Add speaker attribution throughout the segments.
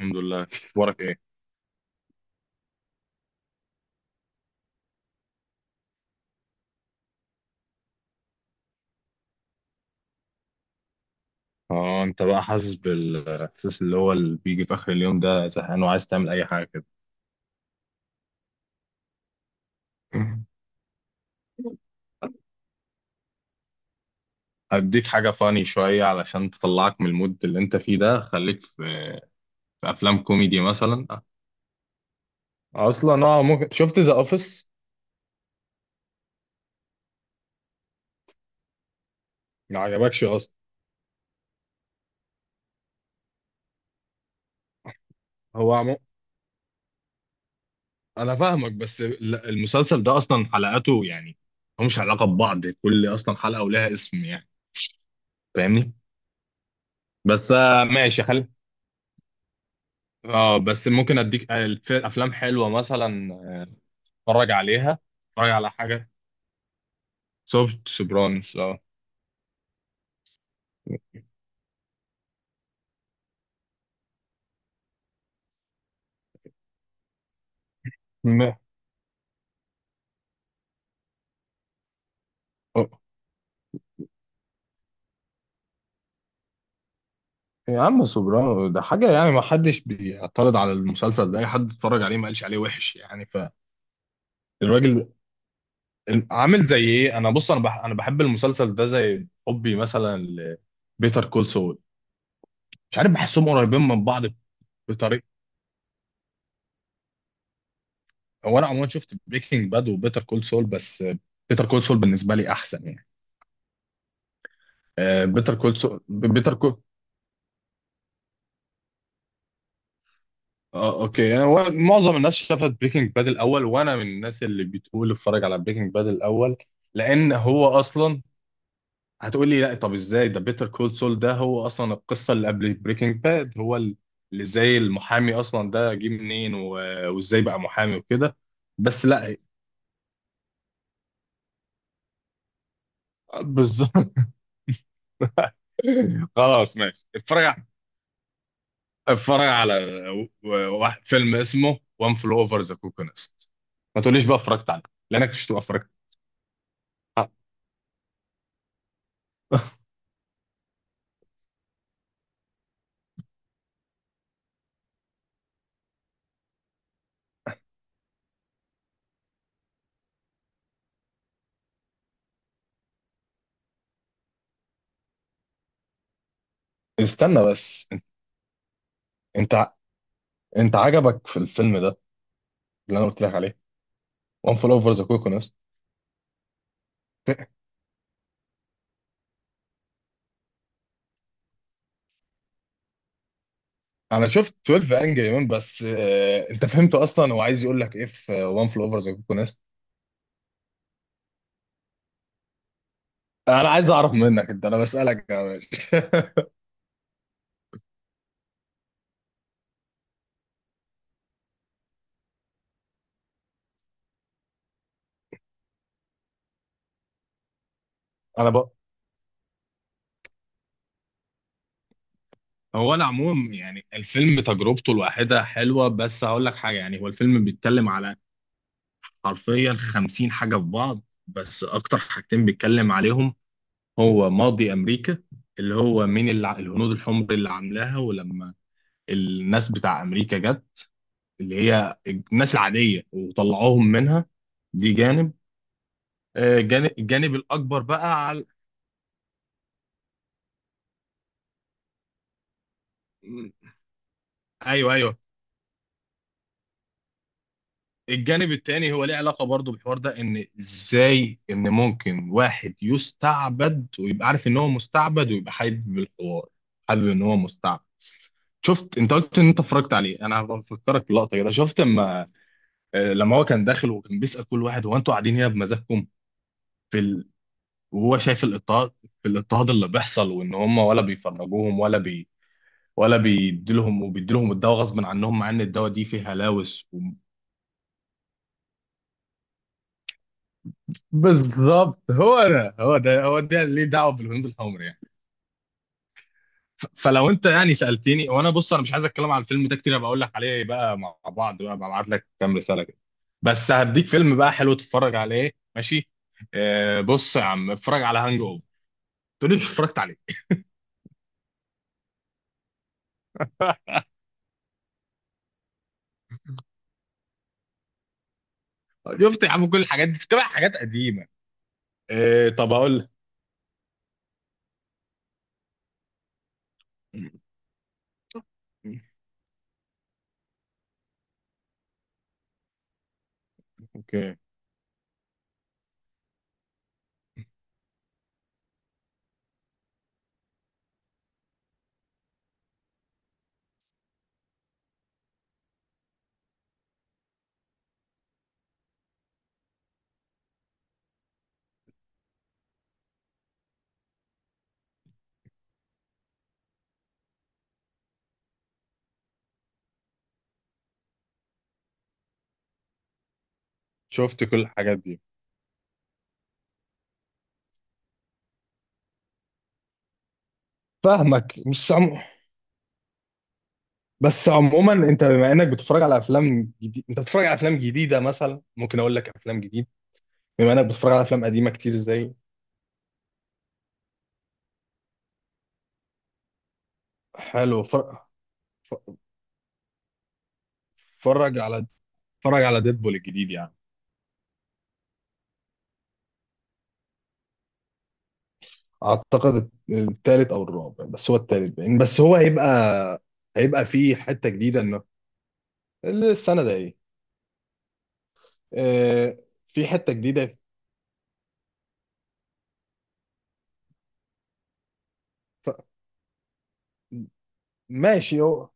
Speaker 1: الحمد لله، اخبارك ايه؟ اه انت بقى حاسس بالاحساس اللي هو اللي بيجي في اخر اليوم ده، زهقان وعايز تعمل اي حاجه كده. هديك حاجه فاني شويه علشان تطلعك من المود اللي انت فيه ده، خليك في افلام كوميدي مثلا. اصلا ممكن شفت ذا اوفيس؟ ما عجبكش اصلا. هو عم... انا فاهمك، بس المسلسل ده اصلا حلقاته يعني ملهمش علاقه ببعض، كل اصلا حلقه ولها اسم يعني. فاهمني؟ بس ماشي. اه بس ممكن اديك افلام حلوه مثلا اتفرج عليها. اتفرج على حاجه، سوفت سوبرانوس. اه م- آه. يا عم، سوبرانو ده حاجه يعني ما حدش بيعترض على المسلسل ده، اي حد اتفرج عليه ما قالش عليه وحش يعني. فالراجل عامل زي ايه؟ انا بص، انا بحب المسلسل ده زي حبي مثلا لبيتر كول سول. مش عارف، بحسهم قريبين من بعض بطريقه. هو انا عموما شفت بريكنج باد وبيتر كول سول، بس بيتر كول سول بالنسبه لي احسن يعني. بيتر كول سول بيتر اه اوكي يعني، هو معظم الناس شافت بريكنج باد الاول، وانا من الناس اللي بتقول اتفرج على بريكنج باد الاول. لان هو اصلا هتقول لي لا طب ازاي، ده بيتر كول سول ده هو اصلا القصه اللي قبل بريكنج باد، هو اللي زي المحامي اصلا، ده جه منين وازاي بقى محامي وكده. بس لا. بالظبط. خلاص ماشي. اتفرج على واحد فيلم اسمه وان فلو اوفر ذا كوكو نست. ما تقوليش بقى اتفرجت عليه، لانك مش هتبقى اتفرجت. استنى بس، انت انت عجبك في الفيلم ده اللي انا قلت لك عليه؟ وان فول اوفر ذا كوكونس. انا شفت 12 انجري مان بس، انت فهمته اصلا؟ هو عايز يقول لك ايه في وان فول اوفر ذا كوكونس؟ انا عايز اعرف منك انت، انا بسالك يا باشا. انا بقى، هو انا عموما يعني الفيلم تجربته الواحده حلوه، بس هقول لك حاجه يعني، هو الفيلم بيتكلم على حرفيا 50 حاجه في بعض. بس اكتر حاجتين بيتكلم عليهم، هو ماضي امريكا، اللي هو من الهنود الحمر اللي عاملاها، ولما الناس بتاع امريكا جت، اللي هي الناس العاديه، وطلعوهم منها. دي جانب. جانب، الجانب الاكبر بقى على م- ايوه ايوه. الجانب التاني هو ليه علاقه برضو بالحوار ده، ان ازاي ان ممكن واحد يستعبد ويبقى عارف ان هو مستعبد، ويبقى حابب الحوار، حابب ان هو مستعبد. شفت، انت قلت ان انت اتفرجت عليه، انا بفكرك بلقطه كده. شفت اما لما هو كان داخل وكان بيسأل كل واحد، هو انتوا قاعدين هنا بمزاجكم؟ في ال... وهو شايف الاضطهاد، الاضطهاد اللي بيحصل، وان هم ولا بيفرجوهم، ولا بيديلهم، وبيديلهم الدواء غصب عنهم، مع ان الدواء دي فيه هلاوس بالظبط، هو ده هو ده هو ده. ليه دعوه بالهنود بالفيلم الحمر يعني؟ فلو انت يعني سألتني، وانا بص انا مش عايز اتكلم على الفيلم ده كتير، أنا بقول لك عليه بقى مع بعض بقى، ببعت لك كام رسالة كده. بس هديك فيلم بقى حلو تتفرج عليه ماشي. بص يا عم، اتفرج على هانج اوفر. تقولي مش اتفرجت عليه. شفت يا عم، كل الحاجات دي كمان حاجات قديمة. إيه طب اقول لك. اوكي، شفت كل الحاجات دي. فاهمك مش عم... بس عموما، انت بما انك بتتفرج على افلام جديد، انت بتتفرج على افلام جديده، مثلا ممكن اقول لك افلام جديد. بما انك بتتفرج على افلام قديمه كتير زي، حلو. ف- اتفرج على ديدبول الجديد يعني. اعتقد الثالث او الرابع، بس هو الثالث باين. بس هو هيبقى فيه حته جديده انه، السنه ده ايه. آه، في حته جديده. ماشي. هو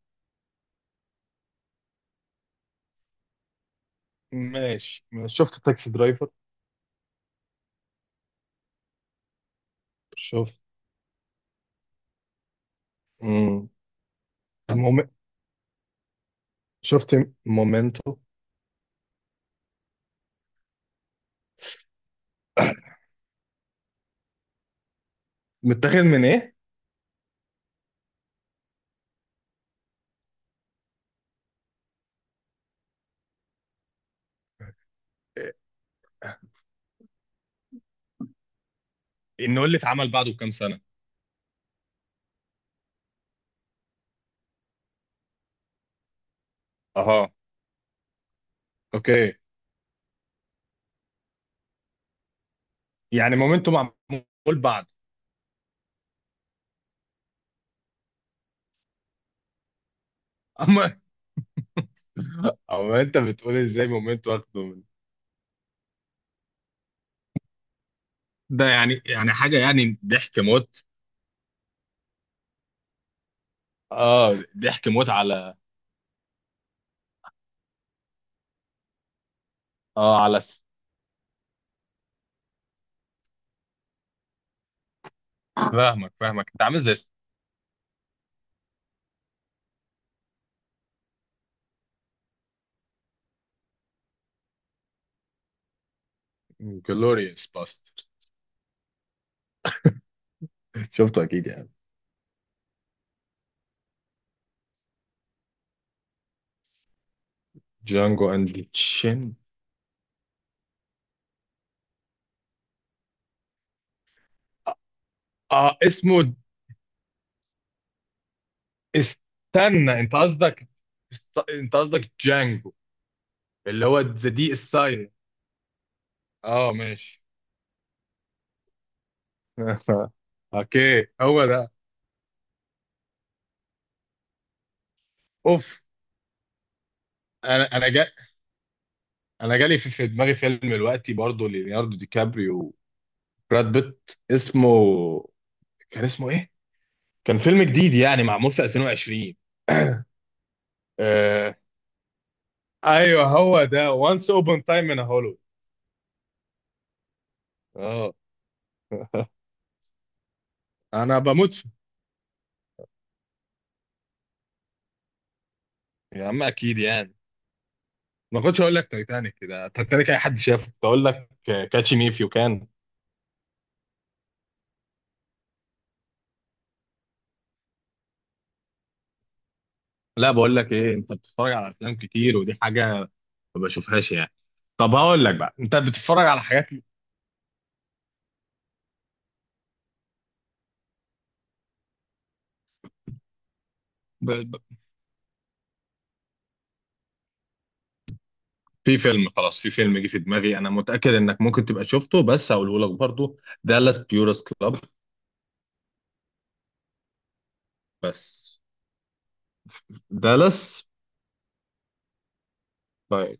Speaker 1: ماشي. شفت تاكسي درايفر؟ شفت. امم موم... شفت مومنتو. متاخد من ايه؟ انه اللي اتعمل بعده بكام سنه. اها. اوكي يعني مومنتو معمول بعد؟ اما اما انت بتقول ازاي مومنتو واخده من ده؟ يعني حاجه يعني ضحك موت. اه ضحك موت على، اه على س- فاهمك، انت عامل زي جلوريوس باستر. شفته اكيد يعني. جانجو اند تشين. اه اسمه، استنى انت قصدك، انت قصدك جانجو اللي هو ذا دي السايلنت. اه ماشي. اوكي، هو ده. اوف. انا انا جا... انا جالي في دماغي فيلم دلوقتي برضه، ليوناردو دي كابريو وبراد بيت، اسمه كان اسمه ايه؟ كان فيلم جديد يعني معمول في 2020. آه... ايوه هو ده، وانس اوبن تايم ان هولو. اه انا بموت فيه. يا عم اكيد يعني، ما كنتش هقول لك تايتانيك، كده تايتانيك اي حد شافه، كنت اقول لك كاتش مي اف يو كان. لا بقول لك ايه، انت بتتفرج على افلام كتير ودي حاجه ما بشوفهاش يعني. طب هقول لك بقى، انت بتتفرج على حاجات. ب... ب... في فيلم، خلاص في فيلم جه في دماغي، انا متاكد انك ممكن تبقى شفته بس هقوله لك برضو. دالاس بيورس كلاب. بس دالاس. طيب.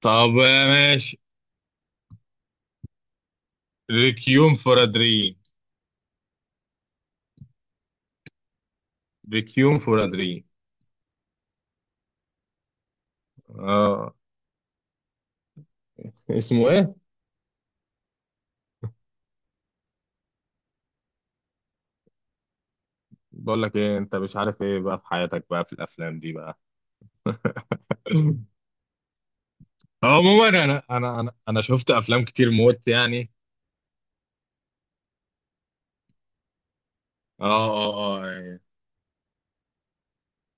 Speaker 1: طب ماشي. ريكيوم فور ا دريم. ريكيوم فور ا دريم. اه اسمه إيه؟ بقول لك ايه، انت مش عارف ايه بقى في حياتك بقى في الافلام دي بقى. عموما انا شفت افلام كتير موت يعني. اه يعني،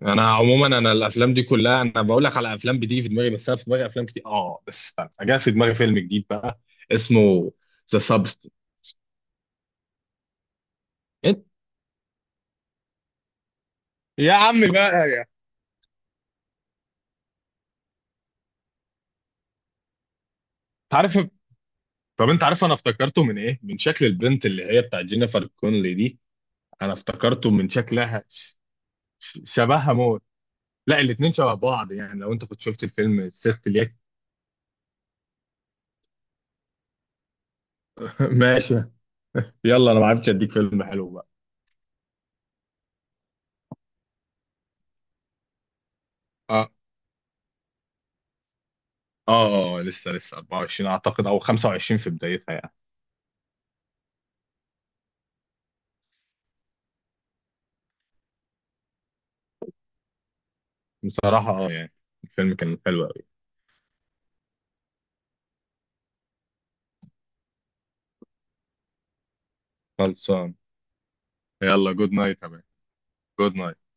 Speaker 1: انا عموما انا الافلام دي كلها انا بقول لك على افلام بتيجي في دماغي، بس انا في دماغي افلام كتير. اه بس استنى، جاء في دماغي فيلم جديد بقى، اسمه ذا سابستنت. انت، يا عم بقى يا عارف. طب انت عارف انا افتكرته من ايه؟ من شكل البنت اللي هي بتاعت جينيفر كونلي دي. انا افتكرته من شكلها. شبهها موت. لا الاتنين شبه بعض يعني، لو انت كنت شفت الفيلم الست اليك. ماشي. يلا، انا ما عرفتش اديك فيلم حلو بقى. اه لسه 24 اعتقد او 25 في بدايتها يعني. بصراحة يعني الفيلم كان حلو قوي. خلصان. يلا جود نايت يا مان. جود نايت.